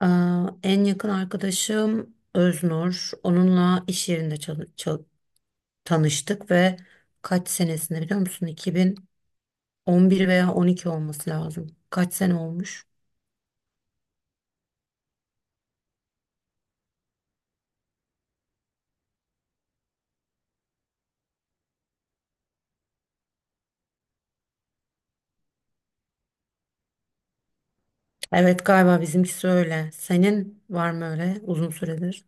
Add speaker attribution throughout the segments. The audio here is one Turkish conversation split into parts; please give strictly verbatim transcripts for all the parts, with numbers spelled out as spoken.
Speaker 1: Aa, en yakın arkadaşım Öznur. Onunla iş yerinde çalı- çal- tanıştık ve kaç senesinde biliyor musun? iki bin on bir veya on iki olması lazım. Kaç sene olmuş? Evet, galiba bizimkisi öyle. Senin var mı öyle uzun süredir?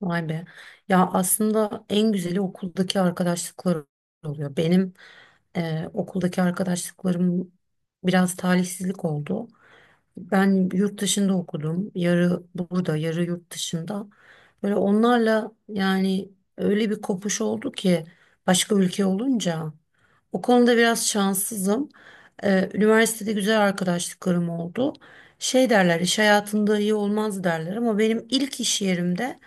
Speaker 1: Vay be. Ya aslında en güzeli okuldaki arkadaşlıklar oluyor. Benim e, okuldaki arkadaşlıklarım biraz talihsizlik oldu. Ben yurt dışında okudum. Yarı burada, yarı yurt dışında. Böyle onlarla yani öyle bir kopuş oldu ki başka ülke olunca. O konuda biraz şanssızım. Ee, üniversitede güzel arkadaşlıklarım oldu. Şey derler, iş hayatında iyi olmaz derler, ama benim ilk iş yerimde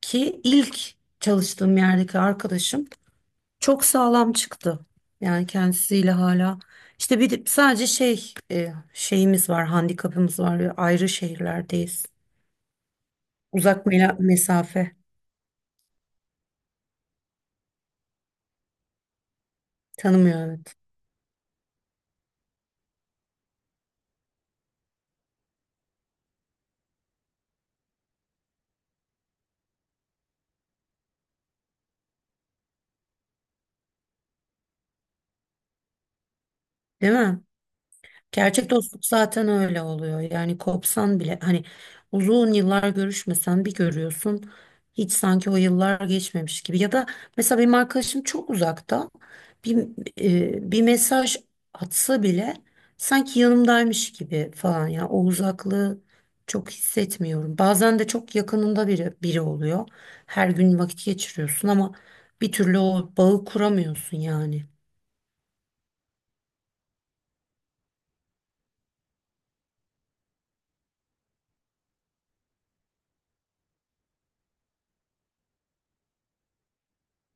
Speaker 1: ki ilk çalıştığım yerdeki arkadaşım çok sağlam çıktı. Yani kendisiyle hala. İşte bir de sadece şey e, şeyimiz var, handikapımız var. Ayrı şehirlerdeyiz. Uzak mela- mesafe tanımıyor, evet. Değil mi? Gerçek dostluk zaten öyle oluyor. Yani kopsan bile hani uzun yıllar görüşmesen bir görüyorsun. Hiç sanki o yıllar geçmemiş gibi. Ya da mesela benim arkadaşım çok uzakta. Bir, e, Bir mesaj atsa bile sanki yanımdaymış gibi falan. Ya o uzaklığı çok hissetmiyorum. Bazen de çok yakınında biri, biri oluyor. Her gün vakit geçiriyorsun ama bir türlü o bağı kuramıyorsun yani.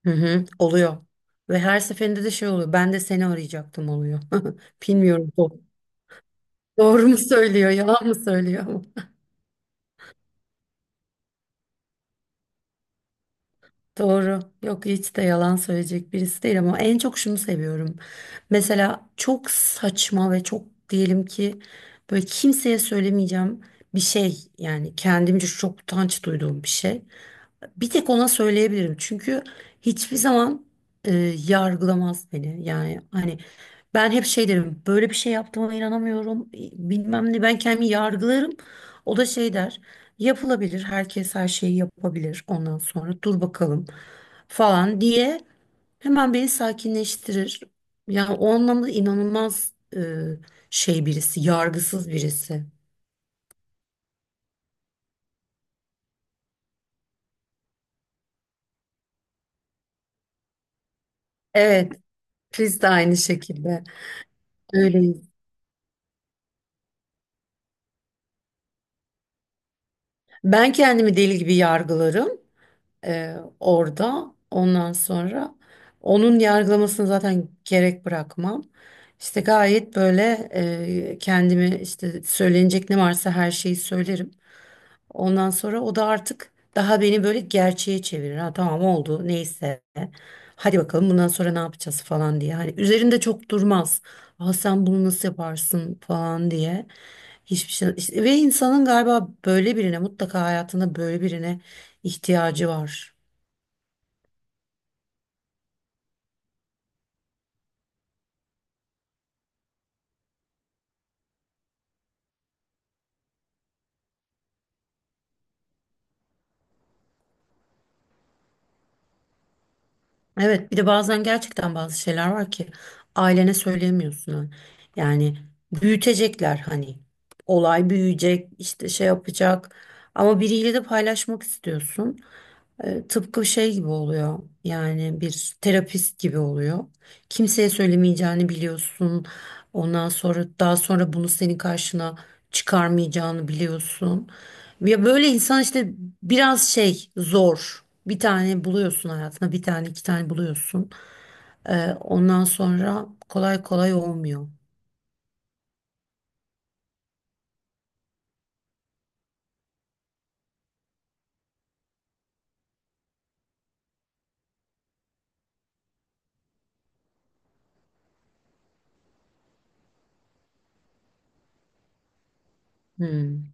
Speaker 1: Hı hı, oluyor. Ve her seferinde de şey oluyor. Ben de seni arayacaktım oluyor. Bilmiyorum. Bu doğru mu söylüyor, yalan mı söylüyor? Doğru. Yok, hiç de yalan söyleyecek birisi değil, ama en çok şunu seviyorum. Mesela çok saçma ve çok, diyelim ki böyle kimseye söylemeyeceğim bir şey, yani kendimce çok utanç duyduğum bir şey. Bir tek ona söyleyebilirim. Çünkü hiçbir zaman e, yargılamaz beni. Yani hani ben hep şey derim. Böyle bir şey yaptığıma inanamıyorum. Bilmem ne, ben kendimi yargılarım. O da şey der. Yapılabilir. Herkes her şeyi yapabilir. Ondan sonra dur bakalım falan diye hemen beni sakinleştirir. Yani o anlamda inanılmaz e, şey birisi, yargısız birisi. Evet, biz de aynı şekilde. Öyle. Ben kendimi deli gibi yargılarım e, orada. Ondan sonra onun yargılamasını zaten gerek bırakmam. İşte gayet böyle e, kendimi, işte söylenecek ne varsa her şeyi söylerim. Ondan sonra o da artık daha beni böyle gerçeğe çevirir. Ha, tamam, oldu, neyse. Hadi bakalım, bundan sonra ne yapacağız falan diye. Hani üzerinde çok durmaz. Aa, sen bunu nasıl yaparsın falan diye. Hiçbir şey. işte- Ve insanın galiba böyle birine, mutlaka hayatında böyle birine ihtiyacı var. Evet, bir de bazen gerçekten bazı şeyler var ki ailene söyleyemiyorsun. Ha. Yani büyütecekler, hani olay büyüyecek, işte şey yapacak, ama biriyle de paylaşmak istiyorsun. E, tıpkı şey gibi oluyor, yani bir terapist gibi oluyor. Kimseye söylemeyeceğini biliyorsun. Ondan sonra daha sonra bunu senin karşına çıkarmayacağını biliyorsun. Ya böyle insan, işte biraz şey zor. Bir tane buluyorsun hayatına, bir tane, iki tane buluyorsun. E, ondan sonra kolay kolay olmuyor. Hmm.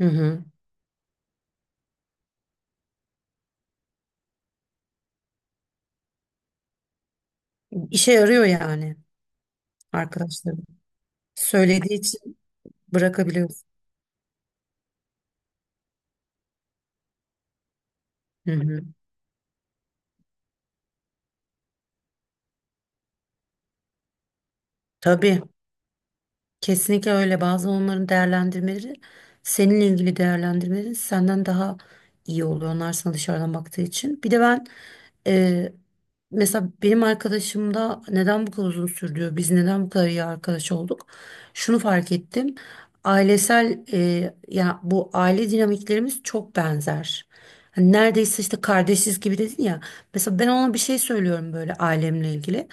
Speaker 1: Hı hı. İşe yarıyor yani arkadaşlarım. Söylediği için bırakabiliyorsun. Hı hı. Tabii. Kesinlikle öyle. Bazen onların değerlendirmeleri, seninle ilgili değerlendirmeleri senden daha iyi oluyor. Onlar sana dışarıdan baktığı için. Bir de ben e, mesela benim arkadaşımda neden bu kadar uzun sürdü? Biz neden bu kadar iyi arkadaş olduk? Şunu fark ettim. Ailesel e, ya bu aile dinamiklerimiz çok benzer. Hani neredeyse işte kardeşiz gibi dedin ya. Mesela ben ona bir şey söylüyorum böyle ailemle ilgili.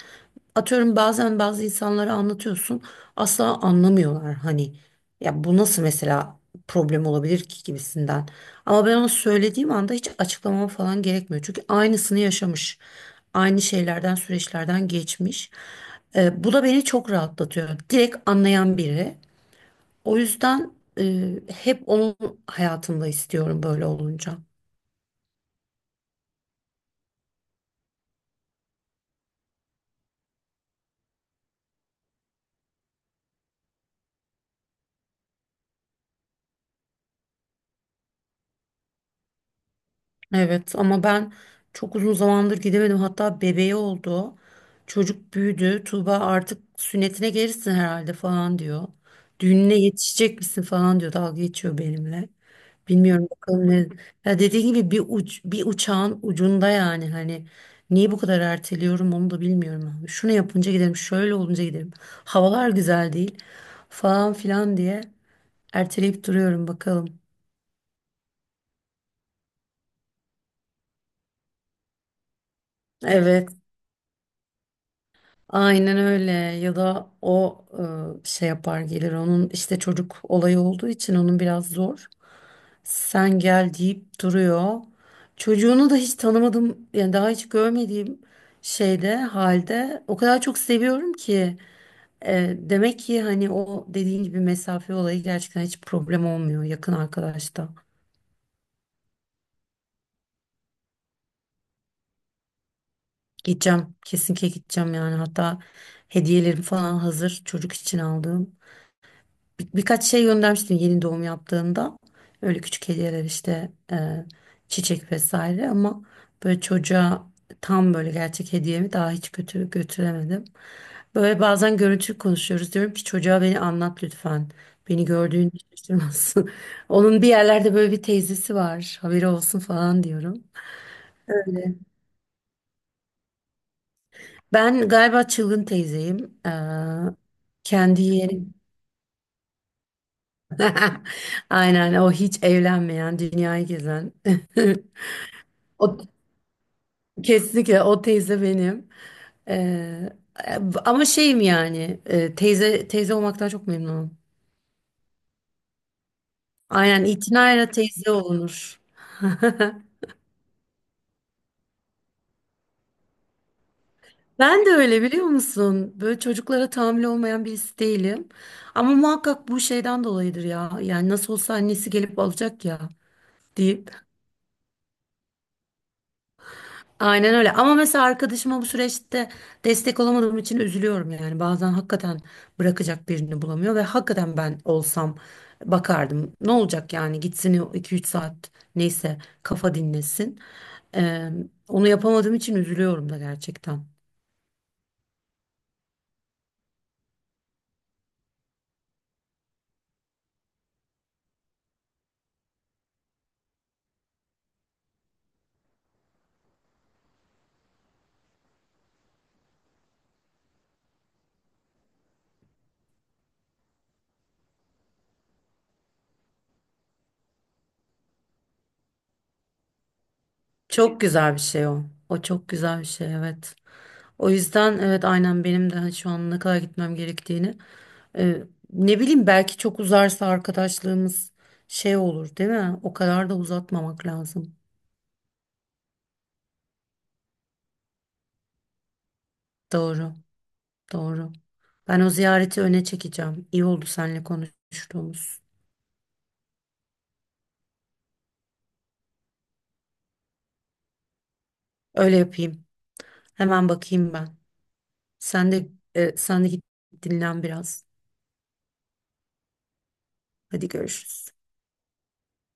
Speaker 1: Atıyorum, bazen bazı insanlara anlatıyorsun, asla anlamıyorlar hani, ya bu nasıl mesela problem olabilir ki gibisinden. Ama ben ona söylediğim anda hiç açıklamam falan gerekmiyor. Çünkü aynısını yaşamış. Aynı şeylerden, süreçlerden geçmiş. Ee, bu da beni çok rahatlatıyor. Direkt anlayan biri. O yüzden e, hep onun hayatımda istiyorum böyle olunca. Evet, ama ben çok uzun zamandır gidemedim. Hatta bebeği oldu. Çocuk büyüdü. Tuğba artık sünnetine gelirsin herhalde falan diyor. Düğününe yetişecek misin falan diyor. Dalga geçiyor benimle. Bilmiyorum bakalım ne. Ya dediğim gibi bir uç, bir uçağın ucunda, yani hani niye bu kadar erteliyorum onu da bilmiyorum abi. Şunu yapınca giderim, şöyle olunca giderim. Havalar güzel değil falan filan diye erteleyip duruyorum bakalım. Evet. Aynen öyle, ya da o e, şey yapar gelir, onun işte çocuk olayı olduğu için onun biraz zor. Sen gel deyip duruyor. Çocuğunu da hiç tanımadım yani, daha hiç görmediğim şeyde halde o kadar çok seviyorum ki. E, demek ki hani o dediğin gibi mesafe olayı gerçekten hiç problem olmuyor yakın arkadaşta. Gideceğim, kesinlikle gideceğim yani, hatta hediyelerim falan hazır, çocuk için aldığım. Bir- birkaç şey göndermiştim yeni doğum yaptığında. Öyle küçük hediyeler işte, e, çiçek vesaire, ama böyle çocuğa tam böyle gerçek hediyemi daha hiç götür götüremedim. Böyle bazen görüntülü konuşuyoruz, diyorum ki çocuğa beni anlat lütfen. Beni gördüğünü hiç şaşırmasın. Onun bir yerlerde böyle bir teyzesi var. Haberi olsun falan diyorum. Ben galiba çılgın teyzeyim. E, kendi yerim. Aynen, o hiç evlenmeyen, dünyayı gezen. O, kesinlikle o teyze benim. Ee, Ama şeyim yani, e, teyze teyze olmaktan çok memnunum. Aynen, itinayla teyze olunur. Ben de öyle, biliyor musun? Böyle çocuklara tahammülü olmayan birisi değilim. Ama muhakkak bu şeyden dolayıdır ya. Yani nasıl olsa annesi gelip alacak ya deyip. Aynen öyle. Ama mesela arkadaşıma bu süreçte destek olamadığım için üzülüyorum yani. Bazen hakikaten bırakacak birini bulamıyor ve hakikaten ben olsam bakardım. Ne olacak yani, gitsin o iki üç saat, neyse, kafa dinlesin. Ee, Onu yapamadığım için üzülüyorum da gerçekten. Çok güzel bir şey o. O çok güzel bir şey, evet. O yüzden evet, aynen benim de şu an ne kadar gitmem gerektiğini. Ee, Ne bileyim, belki çok uzarsa arkadaşlığımız şey olur değil mi? O kadar da uzatmamak lazım. Doğru, doğru. Ben o ziyareti öne çekeceğim. İyi oldu seninle konuştuğumuz. Öyle yapayım. Hemen bakayım ben. Sen de e, sen de git dinlen biraz. Hadi görüşürüz.